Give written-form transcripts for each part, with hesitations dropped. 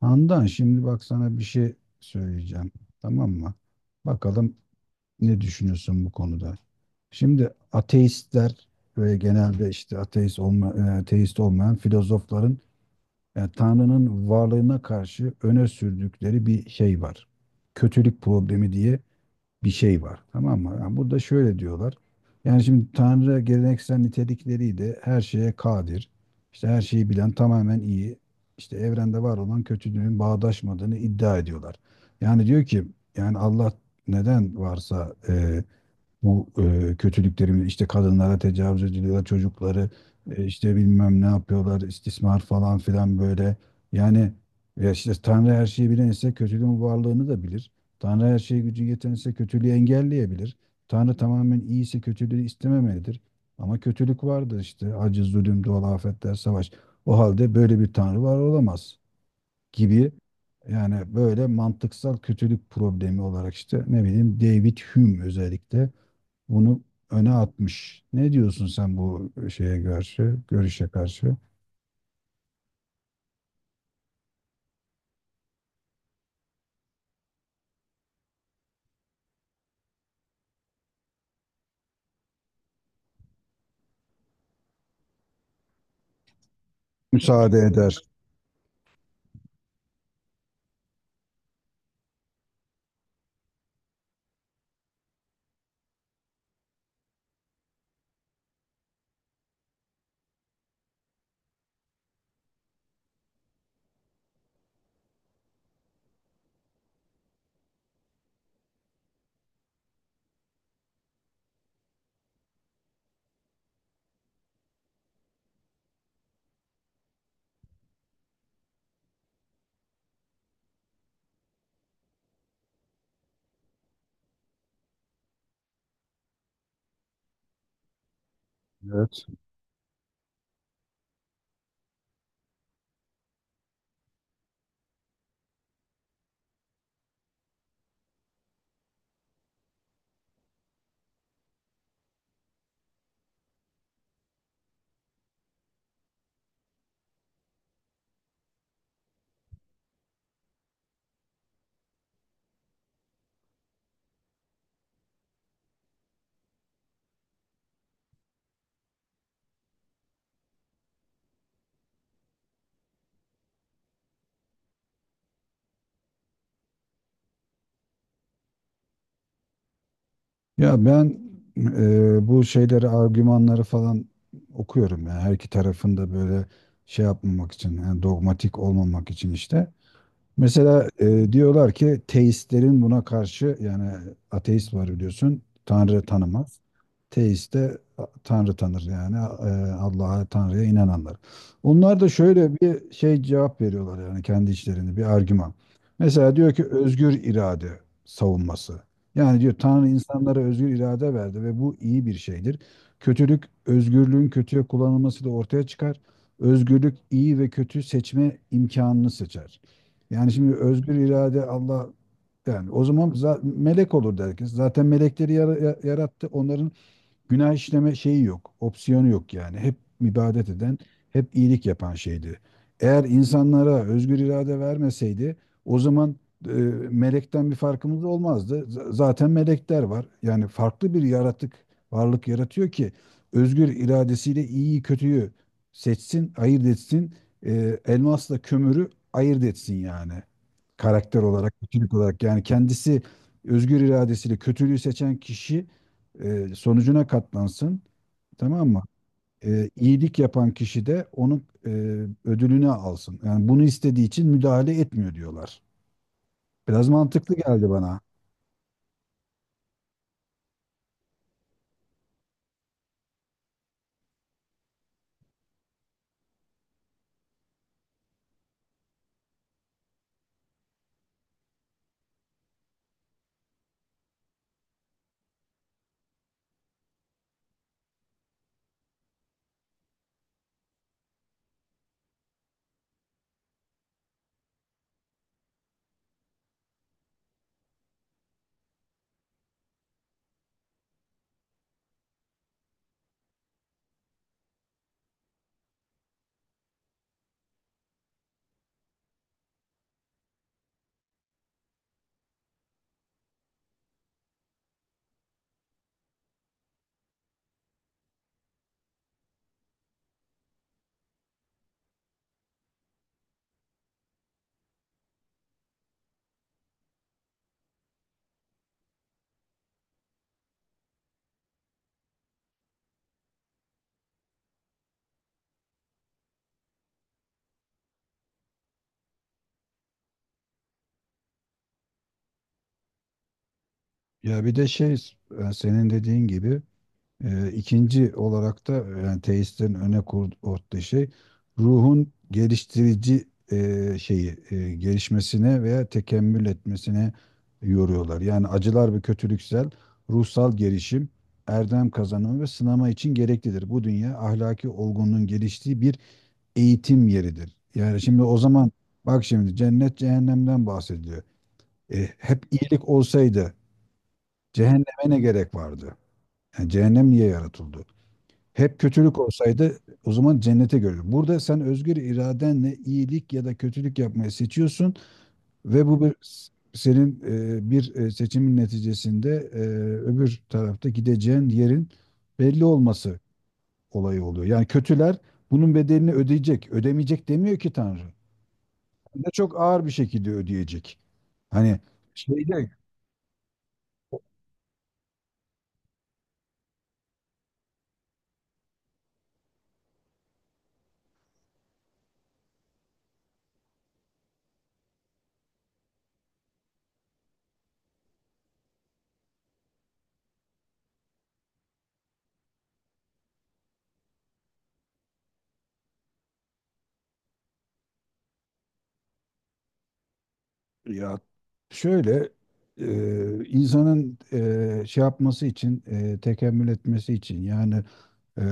Handan şimdi bak sana bir şey söyleyeceğim. Tamam mı? Bakalım ne düşünüyorsun bu konuda. Şimdi ateistler ve genelde işte ateist olmayan filozofların Tanrı'nın varlığına karşı öne sürdükleri bir şey var. Kötülük problemi diye bir şey var. Tamam mı? Yani burada şöyle diyorlar. Yani şimdi Tanrı geleneksel nitelikleriyle her şeye kadir. İşte her şeyi bilen tamamen iyi. İşte evrende var olan kötülüğün bağdaşmadığını iddia ediyorlar. Yani diyor ki yani Allah neden varsa bu kötülüklerimiz işte kadınlara tecavüz ediliyor, çocukları işte bilmem ne yapıyorlar, istismar falan filan böyle. Yani ya işte Tanrı her şeyi bilen ise kötülüğün varlığını da bilir. Tanrı her şeye gücü yeten ise kötülüğü engelleyebilir. Tanrı tamamen iyi ise kötülüğü istememelidir. Ama kötülük vardır işte acı, zulüm, doğal afetler, savaş. O halde böyle bir Tanrı var olamaz gibi. Yani böyle mantıksal kötülük problemi olarak işte ne bileyim, David Hume özellikle bunu öne atmış. Ne diyorsun sen bu şeye karşı, görüşe karşı? Müsaade eder. Evet. Ya ben bu şeyleri, argümanları falan okuyorum. Yani her iki tarafın da böyle şey yapmamak için, yani dogmatik olmamak için işte. Mesela diyorlar ki teistlerin buna karşı yani ateist var, biliyorsun, Tanrı tanımaz. Teist de Tanrı tanır yani Allah'a, Tanrı'ya inananlar. Onlar da şöyle bir şey cevap veriyorlar yani kendi içlerinde bir argüman. Mesela diyor ki özgür irade savunması. Yani diyor, Tanrı insanlara özgür irade verdi ve bu iyi bir şeydir. Kötülük özgürlüğün kötüye kullanılmasıyla ortaya çıkar. Özgürlük iyi ve kötü seçme imkanını seçer. Yani şimdi özgür irade Allah, yani o zaman melek olur herkes. Zaten melekleri yarattı. Onların günah işleme şeyi yok. Opsiyonu yok yani. Hep ibadet eden, hep iyilik yapan şeydi. Eğer insanlara özgür irade vermeseydi o zaman e, melekten bir farkımız olmazdı. Zaten melekler var. Yani farklı bir yaratık, varlık yaratıyor ki özgür iradesiyle iyiyi kötüyü seçsin, ayırt etsin. Elmasla kömürü ayırt etsin yani, karakter olarak, kötülük olarak. Yani kendisi özgür iradesiyle kötülüğü seçen kişi sonucuna katlansın, tamam mı? İyilik yapan kişi de onun ödülünü alsın. Yani bunu istediği için müdahale etmiyor diyorlar. Biraz mantıklı geldi bana. Ya bir de şey, senin dediğin gibi. İkinci olarak da yani teistlerin öne koyduğu şey, ruhun geliştirici şeyi gelişmesine veya tekemmül etmesine yoruyorlar. Yani acılar ve kötülüksel ruhsal gelişim, erdem kazanımı ve sınama için gereklidir. Bu dünya ahlaki olgunluğun geliştiği bir eğitim yeridir. Yani şimdi o zaman bak şimdi cennet cehennemden bahsediliyor. Hep iyilik olsaydı cehenneme ne gerek vardı? Yani cehennem niye yaratıldı? Hep kötülük olsaydı o zaman cennete görür. Burada sen özgür iradenle iyilik ya da kötülük yapmayı seçiyorsun ve bu bir, senin bir seçimin neticesinde öbür tarafta gideceğin yerin belli olması olayı oluyor. Yani kötüler bunun bedelini ödeyecek. Ödemeyecek demiyor ki Tanrı. Hem de çok ağır bir şekilde ödeyecek. Hani şeyde ya şöyle insanın şey yapması için tekemmül etmesi için, yani e,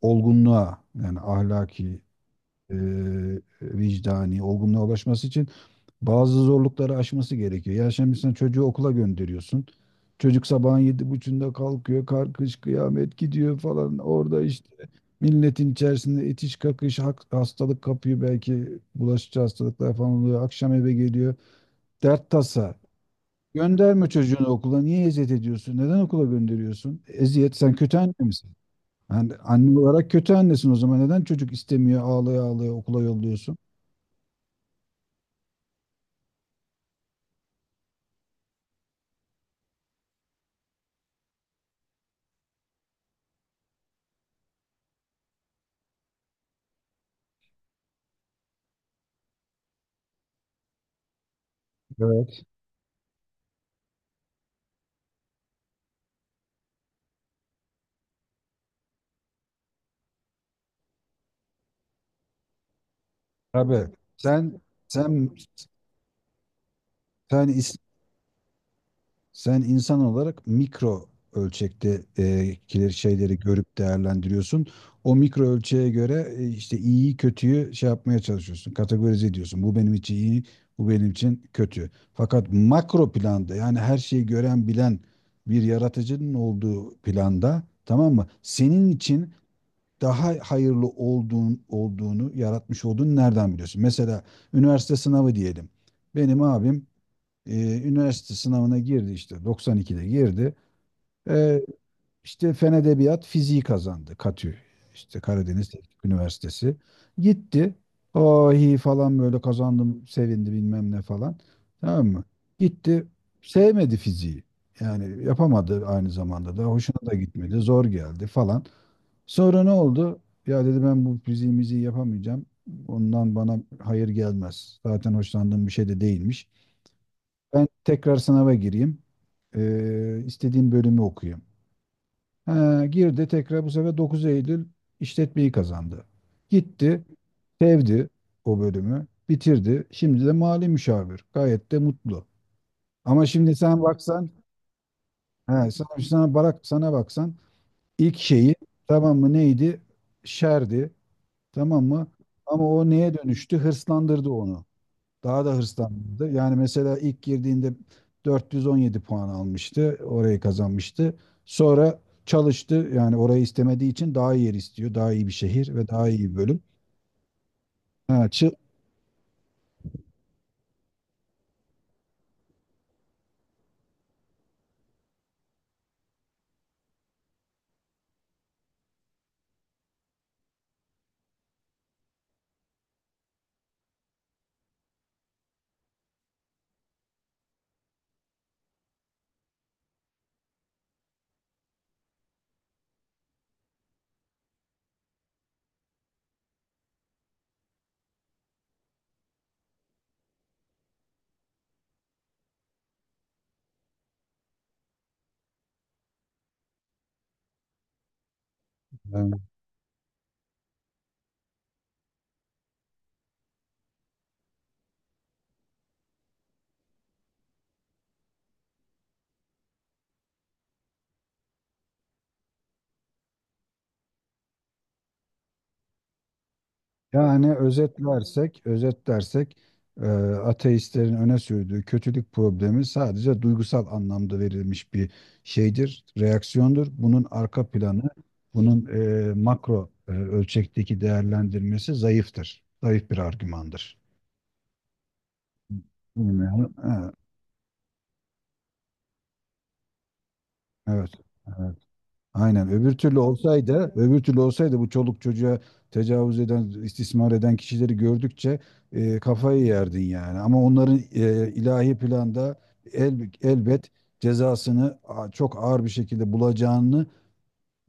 olgunluğa, yani ahlaki e, vicdani olgunluğa ulaşması için bazı zorlukları aşması gerekiyor. Ya şimdi sen çocuğu okula gönderiyorsun. Çocuk sabahın yedi buçuğunda kalkıyor, karkış kıyamet gidiyor falan. Orada işte milletin içerisinde itiş kakış, hastalık kapıyor, belki bulaşıcı hastalıklar falan oluyor. Akşam eve geliyor. Dert tasa. Gönderme çocuğunu okula. Niye eziyet ediyorsun? Neden okula gönderiyorsun? Eziyet. Sen kötü anne misin? Yani anne olarak kötü annesin o zaman. Neden çocuk istemiyor, ağlaya ağlaya okula yolluyorsun? Evet. Abi, sen sen sen Sen insan olarak mikro ölçekte şeyleri görüp değerlendiriyorsun. O mikro ölçeğe göre işte iyiyi kötüyü şey yapmaya çalışıyorsun. Kategorize ediyorsun. Bu benim için iyi, bu benim için kötü. Fakat makro planda, yani her şeyi gören bilen bir yaratıcının olduğu planda, tamam mı? Senin için daha hayırlı olduğunu yaratmış olduğunu nereden biliyorsun? Mesela üniversite sınavı diyelim. Benim abim ee, üniversite sınavına girdi, işte 92'de girdi. Ee, işte Fen Edebiyat fiziği kazandı, Katü, işte Karadeniz Teknik Üniversitesi. Gitti. Ahi falan, böyle kazandım, sevindi, bilmem ne falan. Tamam mı? Gitti, sevmedi fiziği. Yani yapamadı, aynı zamanda da hoşuna da gitmedi, zor geldi falan. Sonra ne oldu? Ya dedi, ben bu fiziğimizi yapamayacağım. Ondan bana hayır gelmez. Zaten hoşlandığım bir şey de değilmiş. Ben tekrar sınava gireyim. İstediğim bölümü okuyayım. Ha, girdi tekrar, bu sefer Dokuz Eylül işletmeyi kazandı. Gitti, sevdi o bölümü, bitirdi. Şimdi de mali müşavir. Gayet de mutlu. Ama şimdi sen baksan, he, sana baksan ilk şeyi, tamam mı, neydi? Şerdi. Tamam mı? Ama o neye dönüştü? Hırslandırdı onu. Daha da hırslandı. Yani mesela ilk girdiğinde 417 puan almıştı. Orayı kazanmıştı. Sonra çalıştı. Yani orayı istemediği için daha iyi yer istiyor. Daha iyi bir şehir ve daha iyi bir bölüm. Ha, yani özetlersek, özetlersek e, ateistlerin öne sürdüğü kötülük problemi sadece duygusal anlamda verilmiş bir şeydir, reaksiyondur. Bunun arka planı, bunun makro ölçekteki değerlendirmesi zayıftır. Zayıf bir argümandır. Bilmiyorum. Evet, evet. Evet. Aynen. Öbür türlü olsaydı, öbür türlü olsaydı bu çoluk çocuğa tecavüz eden, istismar eden kişileri gördükçe kafayı yerdin yani. Ama onların ilahi planda elbet cezasını çok ağır bir şekilde bulacağını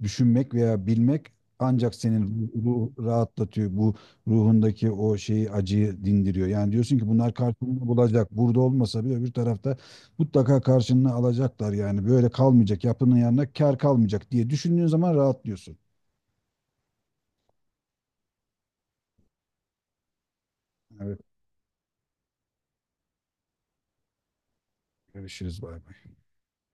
düşünmek veya bilmek ancak senin ruh rahatlatıyor. Bu ruhundaki o şeyi, acıyı dindiriyor. Yani diyorsun ki bunlar karşılığını bulacak. Burada olmasa bile öbür tarafta mutlaka karşılığını alacaklar yani. Böyle kalmayacak. Yapının yanına kar kalmayacak diye düşündüğün zaman rahatlıyorsun. Evet, görüşürüz. Bay bay.